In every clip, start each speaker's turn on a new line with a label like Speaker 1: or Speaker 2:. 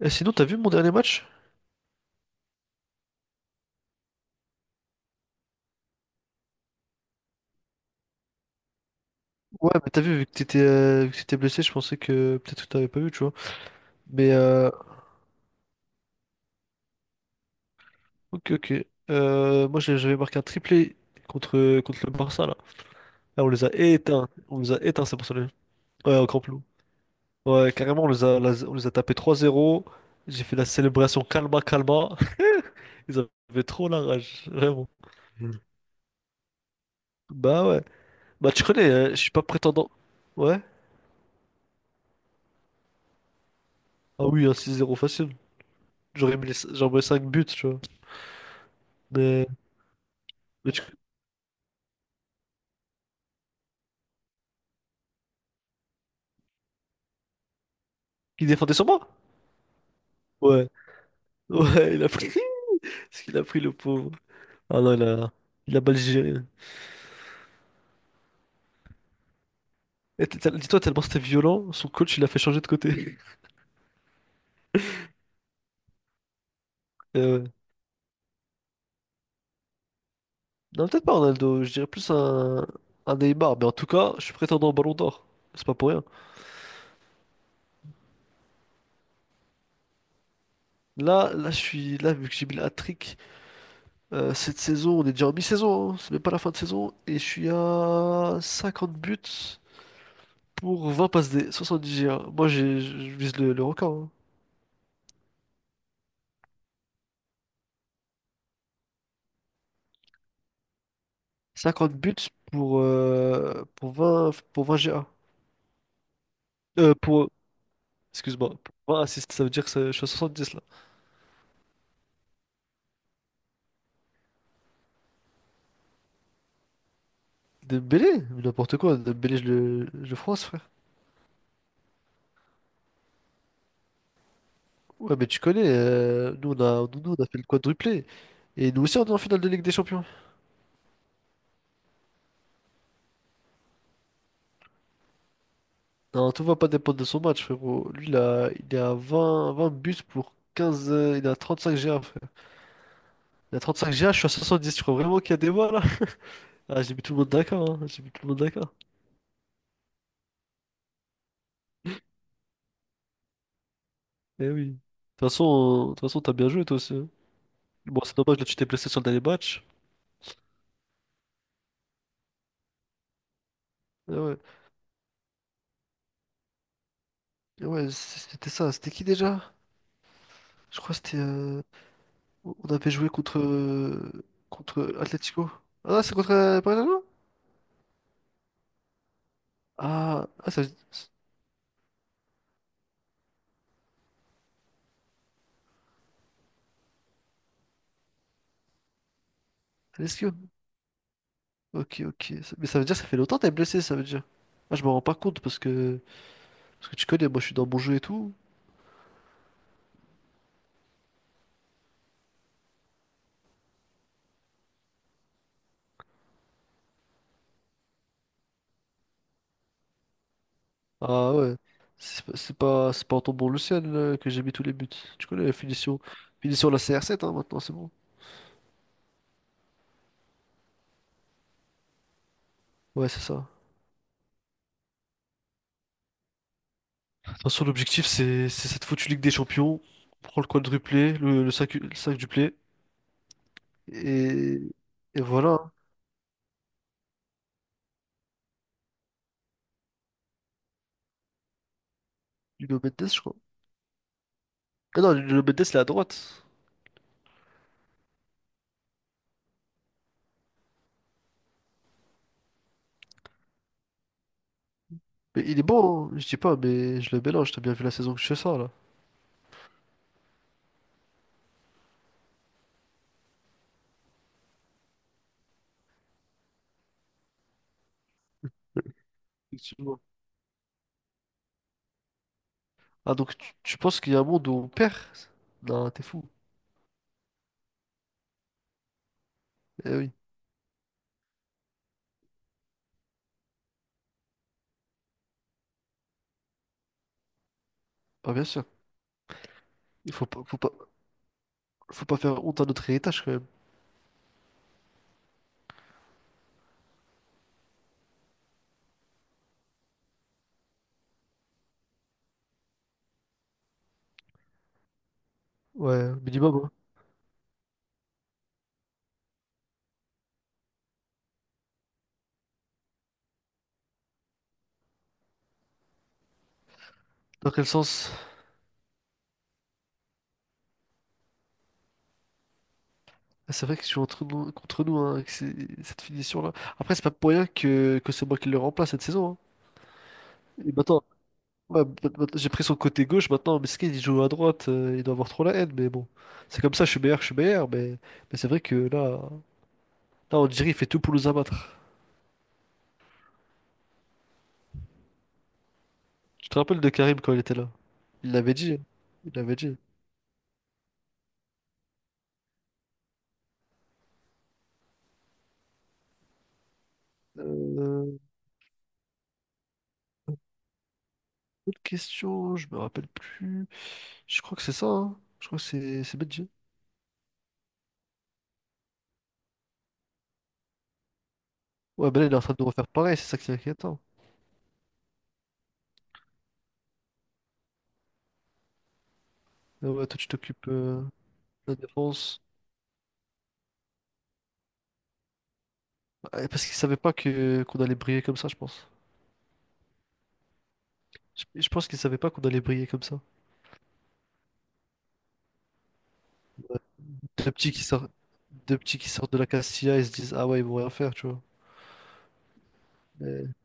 Speaker 1: Eh, sinon, t'as vu mon dernier match? Ouais, mais t'as vu que t'étais blessé, je pensais que peut-être que t'avais pas vu, tu vois. Mais euh, ok, ok. Moi, j'avais marqué un triplé contre le Barça, là. Là, on les a éteints. On les a éteints, c'est pour ça. Ouais, au Camp Nou. Ouais, carrément, on les a tapés 3-0. J'ai fait la célébration calma, calma. Ils avaient trop la rage, vraiment. Bah ouais. Bah, tu connais, je suis pas prétendant. Ouais? Ah oui, un 6-0 facile. J'aurais mis 5 buts, tu vois. Mais, mais qui défendait sur moi? Ouais, ouais, il a pris. Ce qu'il a pris, le pauvre. Ah non, il a mal géré. Dis-toi, tellement c'était violent, son coach, il l'a fait changer de côté. Euh, non, peut-être pas Ronaldo, je dirais plus un Neymar, mais en tout cas, je suis prétendant au Ballon d'Or. C'est pas pour rien. Là, là, je suis là, vu que j'ai mis le hat-trick, cette saison, on est déjà en mi-saison, hein, c'est même pas la fin de saison, et je suis à 50 buts pour 20 passes D, 70 G1. Moi, je vise le record, hein. 50 buts pour 20 GA. Euh, pour... Excuse-moi. Pour un Ça veut dire que je suis à 70 là. Dembélé? Mais n'importe quoi. Dembélé, je le France, frère. Ouais, mais tu connais. Nous, on a... nous, nous, On a fait le quadruplé. Et nous aussi, on est en finale de Ligue des Champions. Non, tout va pas dépendre de son match, frérot. Lui, il est à 20 buts pour 15. Il a 35 GA, frère. Il a 35 GA, je suis à 70. Tu crois vraiment qu'il y a des voix là? Ah, j'ai mis tout le monde d'accord, hein. J'ai mis tout le monde d'accord. Eh oui. De toute façon, t'as bien joué toi aussi, hein. Bon, c'est dommage, là, tu t'es blessé sur le dernier match. Ah ouais. Ouais, c'était ça. C'était qui déjà? Je crois que c'était, on avait joué contre Atlético. Ah, c'est contre Barcelone? Ah, ah, ça veut dire. Ok, ok. Mais ça veut dire que ça fait longtemps que t'es blessé, ça veut dire. Ah, je me rends pas compte Parce que tu connais, moi je suis dans mon jeu et tout. Ah ouais. C'est pas en tombant le ciel là, que j'ai mis tous les buts. Tu connais la finition. Finition la CR7, hein, maintenant, c'est bon. Ouais, c'est ça. Attention, l'objectif c'est cette foutue Ligue des Champions. On prend le quadruplé, le 5 duplé. Et, et voilà, Nuno Mendes, je crois. Ah non, Nuno Mendes, il est à droite. Mais il est bon, hein, je dis pas, mais je le mélange. T'as bien vu la saison que je fais ça, là. Effectivement. Ah, donc tu penses qu'il y a un monde où on perd? Non, t'es fou. Eh oui, bah bien sûr. Il faut pas, faut pas, Faut pas faire honte à notre héritage, quand même. Ouais, au minimum, hein. Dans quel sens? Ah, c'est vrai qu'ils jouent entre nous, contre nous, hein, avec cette finition-là. Après, c'est pas pour rien que c'est moi qui le remplace cette saison, hein. Et maintenant, ouais, j'ai pris son côté gauche maintenant, Meskin il joue à droite, il doit avoir trop la haine, mais bon. C'est comme ça, je suis meilleur, mais c'est vrai que là, là, on dirait il fait tout pour nous abattre. Tu te rappelles de Karim quand il était là? Il l'avait dit, hein. Il l'avait dit. Euh, Autre question, je me rappelle plus. Je crois que c'est ça, hein. Je crois que c'est Benji. Ouais, ben là, il est en train de refaire pareil, c'est ça qui est inquiétant. Ouais, toi, tu t'occupes de la défense. Ouais, parce qu'il savait pas que qu'on allait briller comme ça, je pense. Je pense qu'il savait pas qu'on allait briller comme ça. Deux petits qui sortent, Deux petits qui sortent de la Castilla et se disent, ah ouais, ils vont rien faire, tu vois. Mais-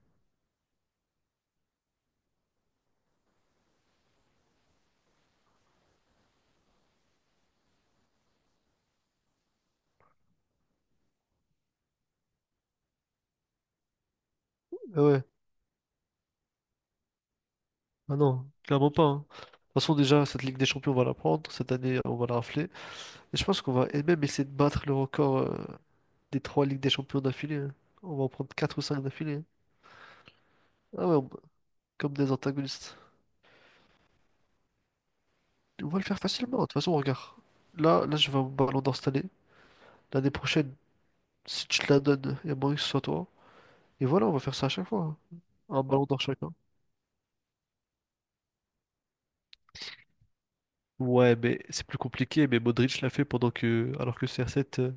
Speaker 1: Ah ouais, ah non, clairement pas, hein. De toute façon, déjà, cette Ligue des Champions, on va la prendre. Cette année, on va la rafler. Et je pense qu'on va et même essayer de battre le record, des trois Ligues des Champions d'affilée, hein. On va en prendre quatre ou cinq d'affilée, hein. Ah ouais, comme des antagonistes. On va le faire facilement. De toute façon, regarde. Là, là, je vais au Ballon d'Or cette année. L'année prochaine, si tu te la donnes, il y a moyen que ce soit toi. Et voilà, on va faire ça à chaque fois, hein. Un Ballon d'Or chacun. Ouais, mais c'est plus compliqué, mais Modric l'a fait pendant que... Alors que CR7...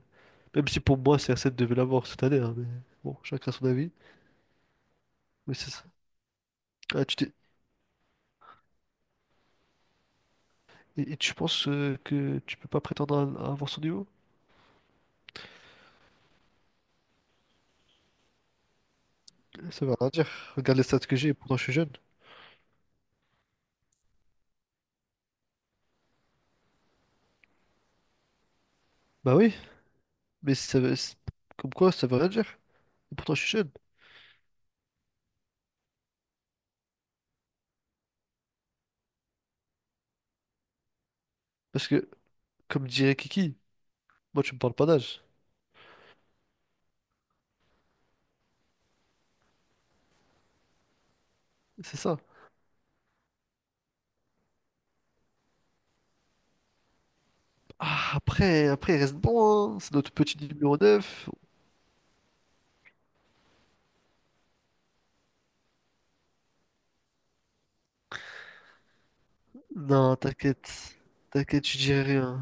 Speaker 1: Même si pour moi, CR7 devait l'avoir cette année, hein, mais bon, chacun son avis. Mais c'est ça. Ah, et tu penses que tu peux pas prétendre à avoir son niveau? Ça veut rien dire. Regarde les stats que j'ai, et pourtant je suis jeune. Bah oui, mais comme quoi, ça veut rien dire. Et pourtant je suis jeune. Parce que, comme dirait Kiki, moi tu me parles pas d'âge. C'est ça. Ah, après, il reste bon, hein. C'est notre petit numéro neuf. Non, t'inquiète. T'inquiète, je dirai rien.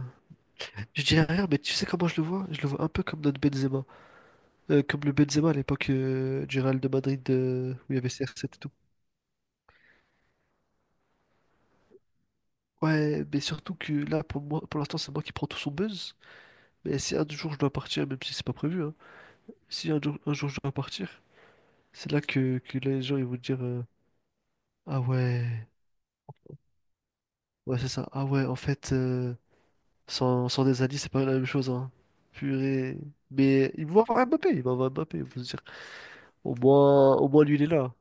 Speaker 1: Je dis rien, mais tu sais comment je le vois? Je le vois un peu comme notre Benzema. Comme le Benzema à l'époque, du Real de Madrid, où il y avait CR7 et tout. Ouais, mais surtout que là, pour moi, pour l'instant, c'est moi qui prends tout son buzz. Mais si un jour je dois partir, même si c'est pas prévu, hein, si un jour je dois partir, c'est là que les gens ils vont dire, ah ouais, ouais, c'est ça. Ah ouais, en fait, sans des alliés, c'est pas la même chose, hein. Purée. Mais il va avoir Mbappé, il va avoir Mbappé, il faut se dire. Au moins lui, il est là.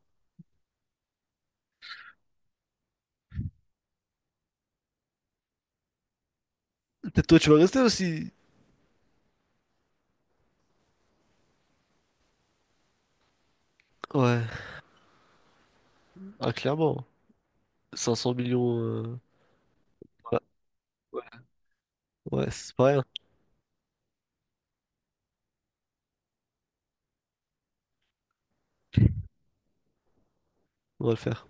Speaker 1: Peut-être toi, tu vas rester aussi. Ouais. Ah, clairement. 500 millions, ouais, ouais, c'est pas rien. On va le faire.